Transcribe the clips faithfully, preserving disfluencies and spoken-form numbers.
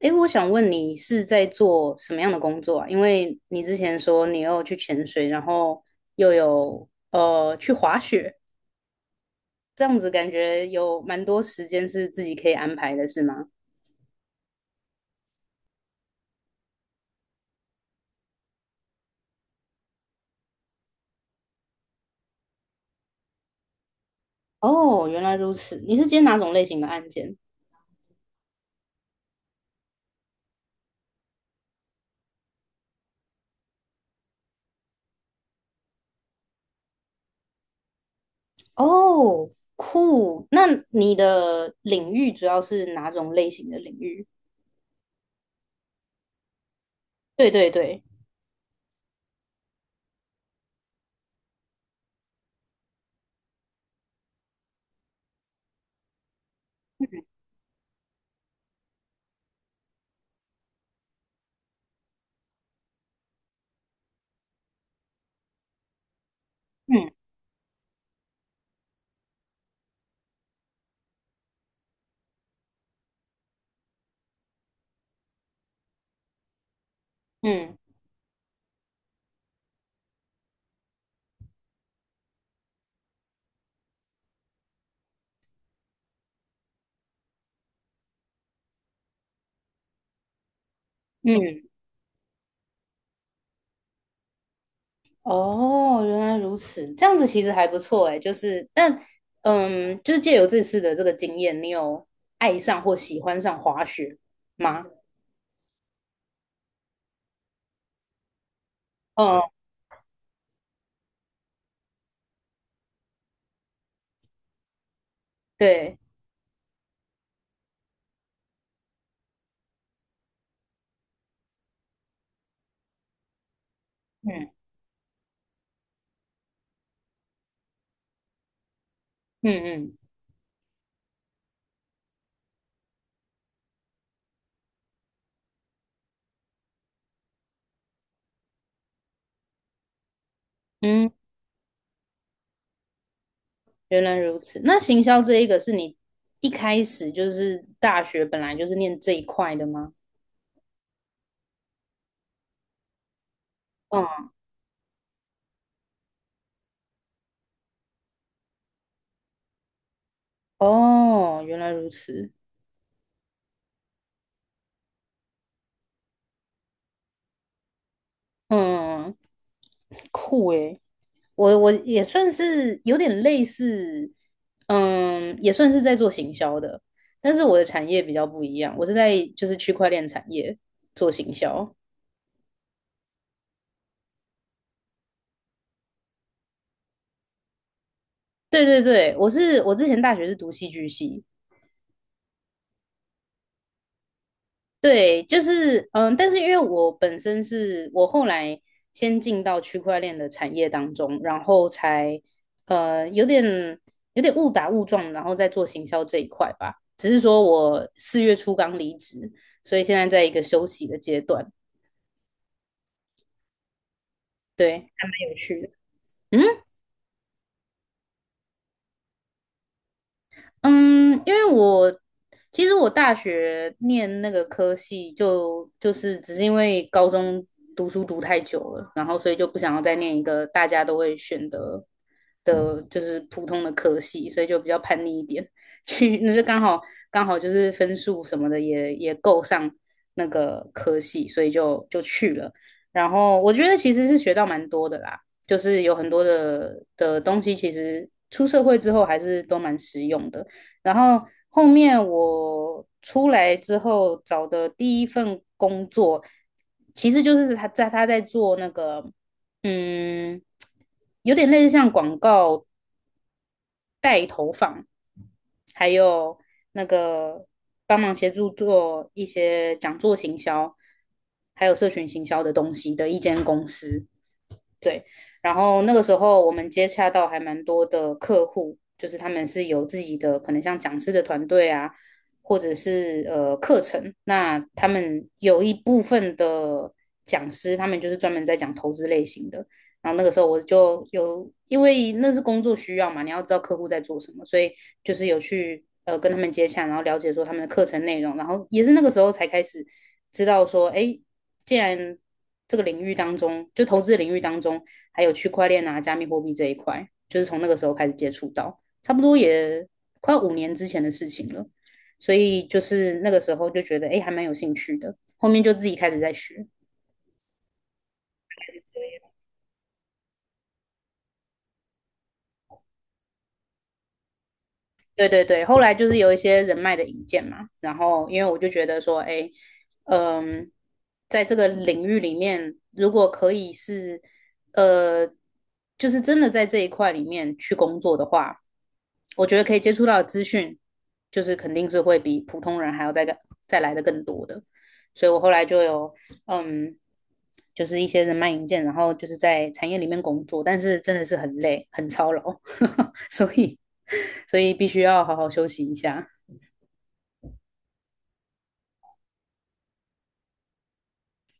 诶，我想问你是在做什么样的工作啊？因为你之前说你又去潜水，然后又有呃去滑雪，这样子感觉有蛮多时间是自己可以安排的，是吗？哦，原来如此。你是接哪种类型的案件？哦，酷。那你的领域主要是哪种类型的领域？对对对，嗯嗯嗯嗯。哦，原来如此，这样子其实还不错诶，就是，但，嗯，就是借由这次的这个经验，你有爱上或喜欢上滑雪吗？哦，对，嗯嗯嗯嗯，原来如此。那行销这一个是你一开始就是大学本来就是念这一块的吗？嗯，哦，原来如此，嗯，酷诶。我我也算是有点类似，嗯，也算是在做行销的，但是我的产业比较不一样，我是在就是区块链产业做行销。对对对，我是我之前大学是读戏剧系，对，就是嗯，但是因为我本身是我后来先进到区块链的产业当中，然后才呃有点有点误打误撞，然后再做行销这一块吧。只是说我四月初刚离职，所以现在在一个休息的阶段，对，还蛮有趣的。嗯。嗯，因为我其实我大学念那个科系就，就是只是因为高中读书读太久了，然后所以就不想要再念一个大家都会选的的，就是普通的科系，所以就比较叛逆一点，去那就刚好刚好就是分数什么的也也够上那个科系，所以就就去了。然后我觉得其实是学到蛮多的啦，就是有很多的的东西，其实出社会之后还是都蛮实用的。然后后面我出来之后找的第一份工作，其实就是他在他在做那个，嗯，有点类似像广告，还有那个帮忙协助做一些讲座行销，还有社群行销的东西的一间公司。对，然后那个时候我们接洽到还蛮多的客户，就是他们是有自己的可能像讲师的团队啊，或者是呃课程。那他们有一部分的讲师，他们就是专门在讲投资类型的。然后那个时候我就有，因为那是工作需要嘛，你要知道客户在做什么，所以就是有去呃跟他们接洽，然后了解说他们的课程内容，然后也是那个时候才开始知道说，哎，既然这个领域当中，就投资领域当中，还有区块链啊、加密货币这一块，就是从那个时候开始接触到，差不多也快五年之前的事情了。所以就是那个时候就觉得，哎，还蛮有兴趣的。后面就自己开始在学。对对对，后来就是有一些人脉的引荐嘛，然后因为我就觉得说，哎，嗯，在这个领域里面，如果可以是，呃，就是真的在这一块里面去工作的话，我觉得可以接触到的资讯，就是肯定是会比普通人还要再再来的更多的，所以我后来就有，嗯，就是一些人脉引荐，然后就是在产业里面工作，但是真的是很累，很操劳。所以所以必须要好好休息一下。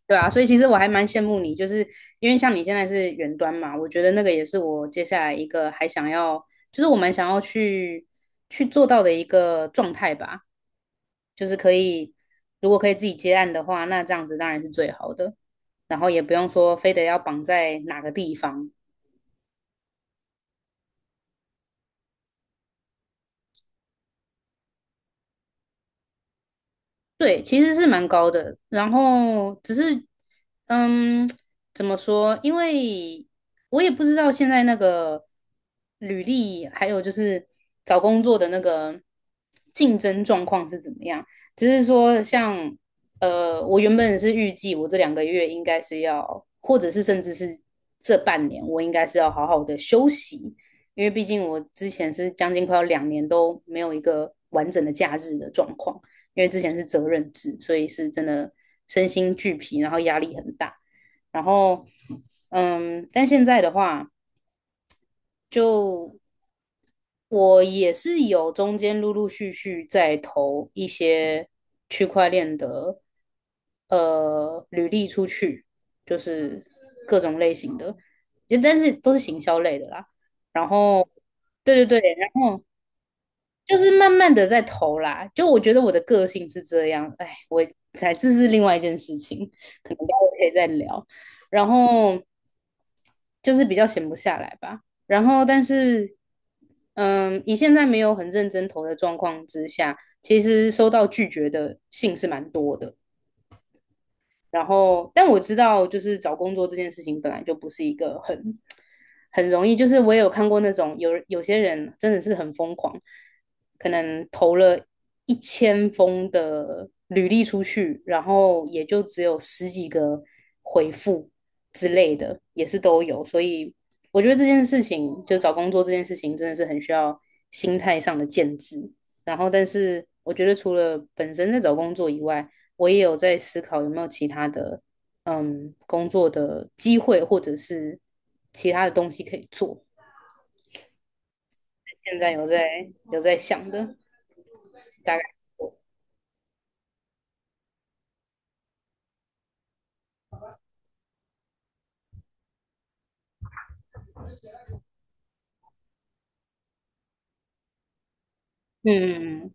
对啊，所以其实我还蛮羡慕你，就是因为像你现在是远端嘛，我觉得那个也是我接下来一个还想要，就是我蛮想要去去做到的一个状态吧，就是可以，如果可以自己接案的话，那这样子当然是最好的，然后也不用说非得要绑在哪个地方，对，其实是蛮高的。然后只是，嗯，怎么说？因为我也不知道现在那个履历，还有就是找工作的那个竞争状况是怎么样。只是说像，呃，我原本是预计我这两个月应该是要，或者是甚至是这半年，我应该是要好好的休息，因为毕竟我之前是将近快要两年都没有一个完整的假日的状况。因为之前是责任制，所以是真的身心俱疲，然后压力很大。然后，嗯，但现在的话，就我也是有中间陆陆续续在投一些区块链的呃履历出去，就是各种类型的，就但是都是行销类的啦。然后，对对对，然后就是慢慢的在投啦。就我觉得我的个性是这样，哎，我才这是另外一件事情，可能待会可以再聊。然后就是比较闲不下来吧。然后但是，嗯，以现在没有很认真投的状况之下，其实收到拒绝的信是蛮多的。然后，但我知道，就是找工作这件事情本来就不是一个很很容易。就是我也有看过那种有有些人真的是很疯狂，可能投了一千封的履历出去，然后也就只有十几个回复之类的，也是都有。所以我觉得这件事情，就找工作这件事情，真的是很需要心态上的建制。然后，但是我觉得除了本身在找工作以外，我也有在思考有没有其他的嗯工作的机会，或者是其他的东西可以做。现在有在有在想的，大概嗯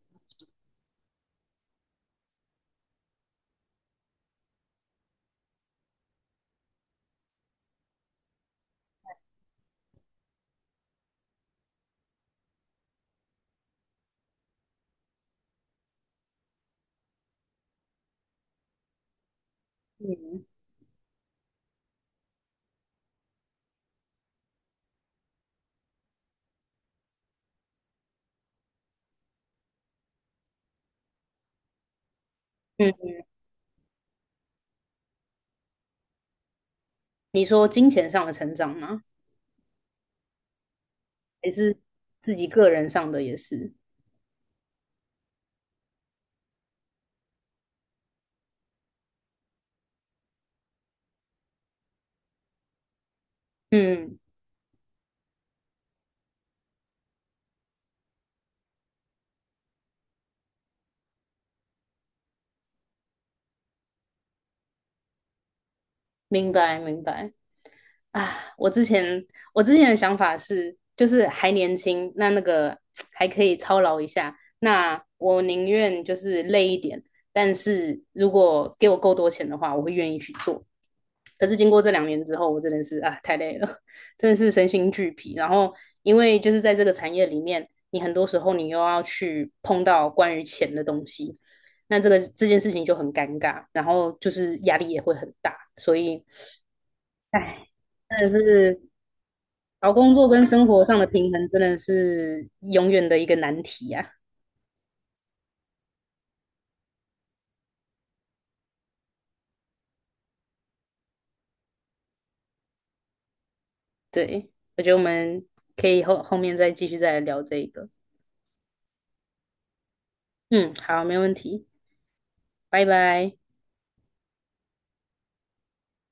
嗯嗯，你说金钱上的成长吗？还是自己个人上的也是？嗯，明白明白。啊，我之前我之前的想法是，就是还年轻，那那个还可以操劳一下，那我宁愿就是累一点，但是如果给我够多钱的话，我会愿意去做。可是经过这两年之后，我真的是啊太累了，真的是身心俱疲。然后因为就是在这个产业里面，你很多时候你又要去碰到关于钱的东西，那这个这件事情就很尴尬，然后就是压力也会很大，所以哎，真的是找工作跟生活上的平衡真的是永远的一个难题呀、对，我觉得我们可以后后面再继续再来聊这一个。嗯，好，没问题，拜拜。